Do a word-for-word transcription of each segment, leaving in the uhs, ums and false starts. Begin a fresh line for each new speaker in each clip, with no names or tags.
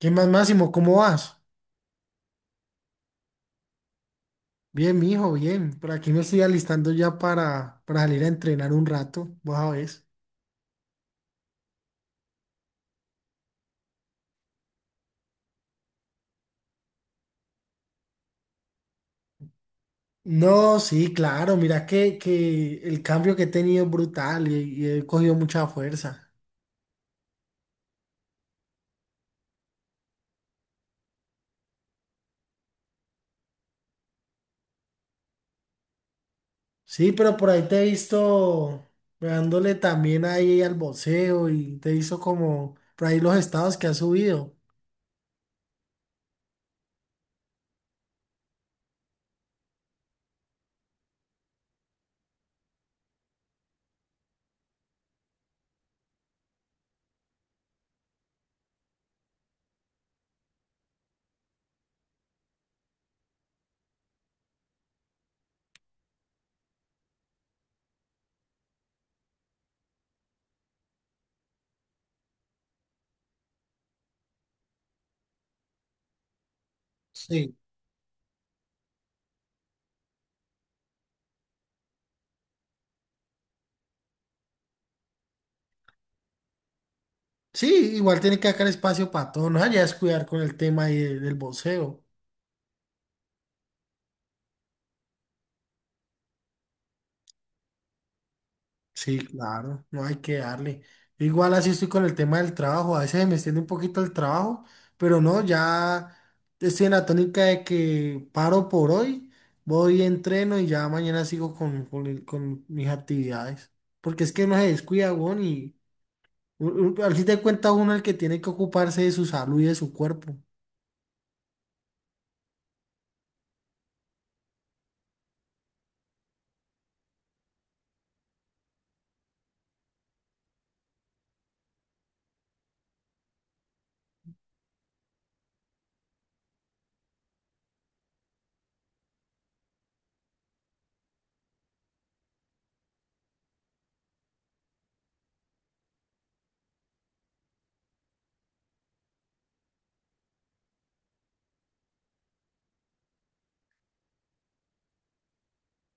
¿Qué más, Máximo? ¿Cómo vas? Bien, mijo, bien. Por aquí me estoy alistando ya para, para salir a entrenar un rato. Vos sabés. No, sí, claro. Mira que, que el cambio que he tenido es brutal y, y he cogido mucha fuerza. Sí, pero por ahí te he visto dándole también ahí al boxeo y te he visto como por ahí los estados que has subido. Sí. Sí, igual tiene que sacar espacio para todo. No vayas a descuidar con el tema ahí de- del boxeo. Sí, claro, no hay que darle. Yo igual así estoy con el tema del trabajo, a veces me extiende un poquito el trabajo, pero no, ya estoy en la tónica de que paro por hoy, voy, entreno y ya mañana sigo con, con, el- con mis actividades. Porque es que no se descuida, weón, y u- u- al fin de cuentas uno es el que tiene que ocuparse de su salud y de su cuerpo.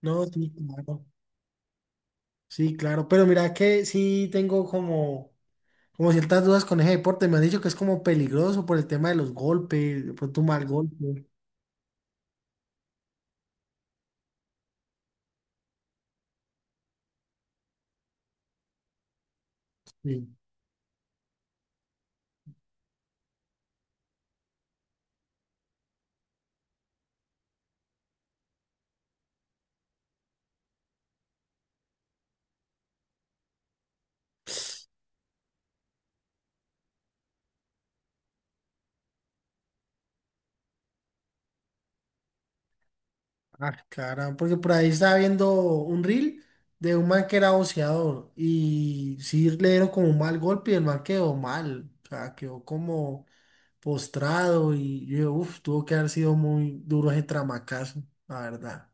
No, sí, claro. Sí, claro, pero mira que sí tengo como... como ciertas dudas con ese deporte, me han dicho que es como peligroso por el tema de los golpes, de pronto un mal golpe. Sí. Ah, caramba, porque por ahí estaba viendo un reel de un man que era boxeador y sí le dieron como un mal golpe y el man quedó mal, o sea, quedó como postrado y yo, uff, tuvo que haber sido muy duro ese tramacazo, la verdad.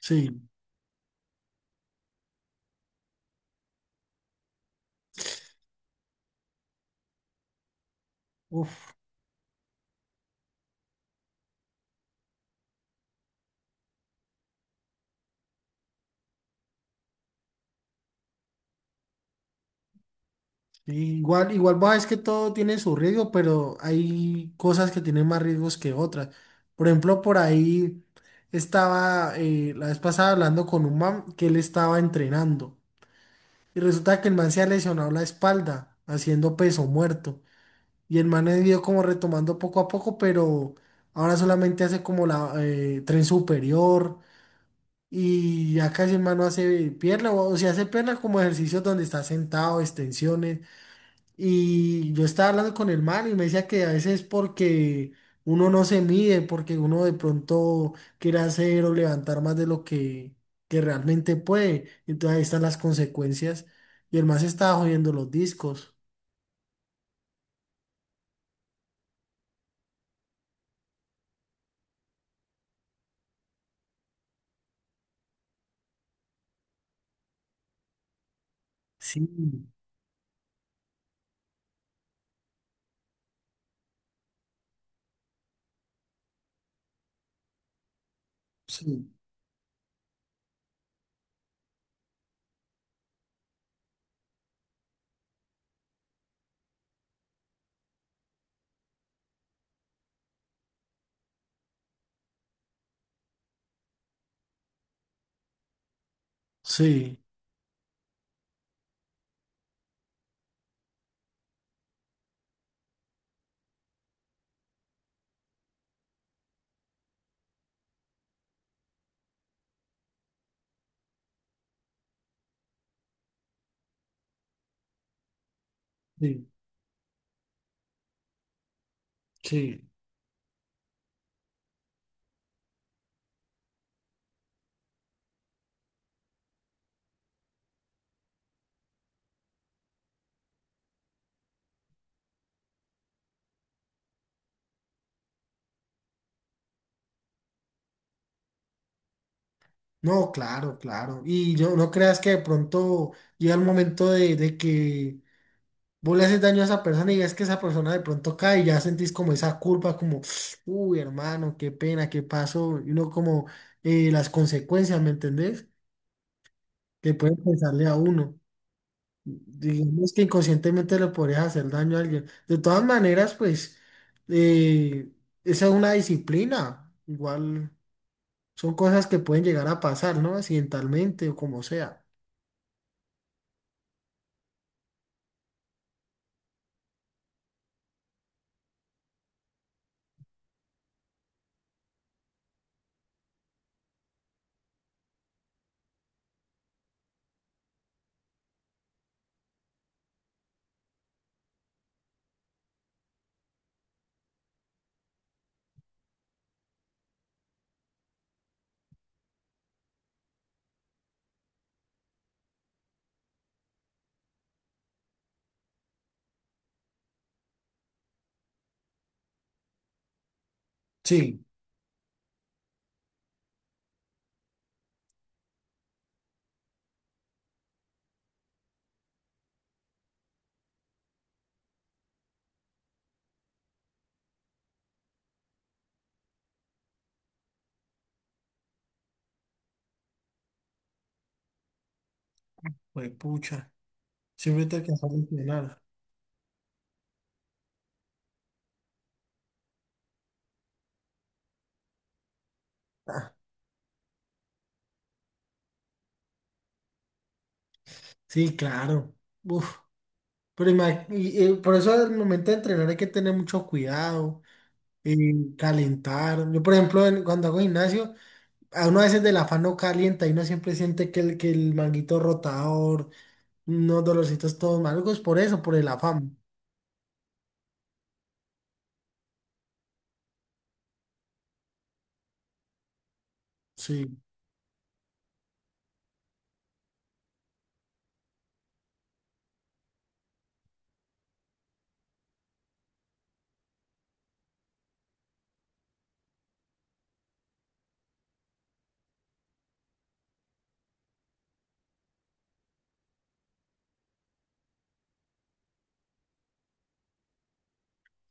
Sí, uff. Igual, igual vos es que todo tiene su riesgo, pero hay cosas que tienen más riesgos que otras. Por ejemplo, por ahí estaba eh, la vez pasada hablando con un man que él estaba entrenando y resulta que el man se ha lesionado la espalda haciendo peso muerto y el man ha ido como retomando poco a poco, pero ahora solamente hace como la eh, tren superior y ya casi el man no hace pierna o, o si hace pierna como ejercicios donde está sentado, extensiones y yo estaba hablando con el man y me decía que a veces porque uno no se mide, porque uno de pronto quiere hacer o levantar más de lo que, que realmente puede. Entonces ahí están las consecuencias. Y el man se estaba jodiendo los discos. Sí, sí, sí, sí, sí. No, claro, claro. Y yo no creas que de pronto llega el momento de, de que vos le haces daño a esa persona y ves que esa persona de pronto cae y ya sentís como esa culpa como, uy, hermano, qué pena, qué pasó, y uno como eh, las consecuencias, ¿me entendés? Que pueden pensarle a uno. Digamos que inconscientemente le podrías hacer daño a alguien. De todas maneras, pues, eh, esa es una disciplina. Igual son cosas que pueden llegar a pasar, ¿no? Accidentalmente o como sea. Sí, pues pucha, siempre te alcanzas a entrenar. Ah, sí, claro. Uf. Pero ima- y, eh, por eso al momento de entrenar hay que tener mucho cuidado, eh, calentar. Yo, por ejemplo, en- cuando hago gimnasio, a uno a veces del afán no calienta y uno siempre siente que el, que el manguito rotador, unos dolorcitos todos malucos, por eso, por el afán. Sí,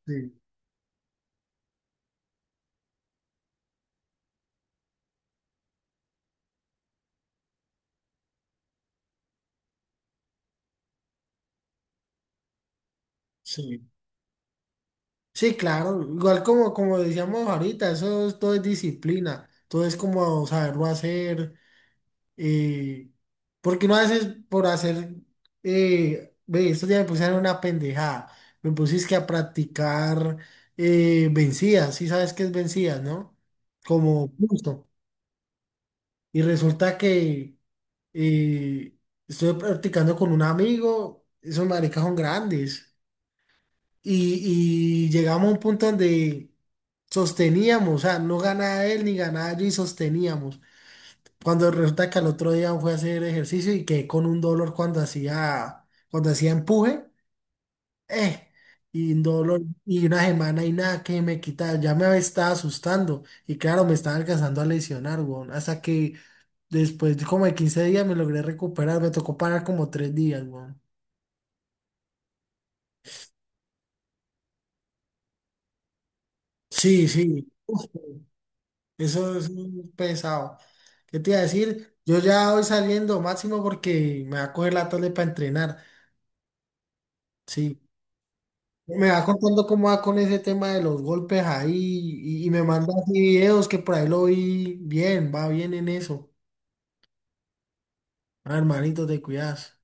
sí, sí. Sí, claro. Igual como, como decíamos ahorita, eso es- todo es disciplina, todo es como saberlo hacer. Eh, Porque no haces por hacer, eh, ve, estos días me pusieron una pendejada, me pusiste a practicar eh, vencidas, sí sabes qué es vencidas, ¿no? Como justo. Y resulta que eh, estuve practicando con un amigo, esos maricas son grandes, y, y llegamos a un punto donde sosteníamos, o sea, no ganaba él ni ganaba yo y sosteníamos. Cuando resulta que al otro día fue a hacer ejercicio y quedé con un dolor cuando hacía, cuando hacía empuje, eh, y un dolor, y una semana y nada que me quitaba, ya me estaba asustando, y claro, me estaba alcanzando a lesionar, weón, hasta que después de como de quince días me logré recuperar, me tocó parar como tres días, weón. Sí, sí, uf, eso es muy pesado. ¿Qué te iba a decir? Yo ya voy saliendo, Máximo, porque me va a coger la tarde para entrenar, sí. Me va contando cómo va con ese tema de los golpes ahí y, y me manda así videos que por ahí lo vi bien, va bien en eso. Ah, hermanito, te cuidas.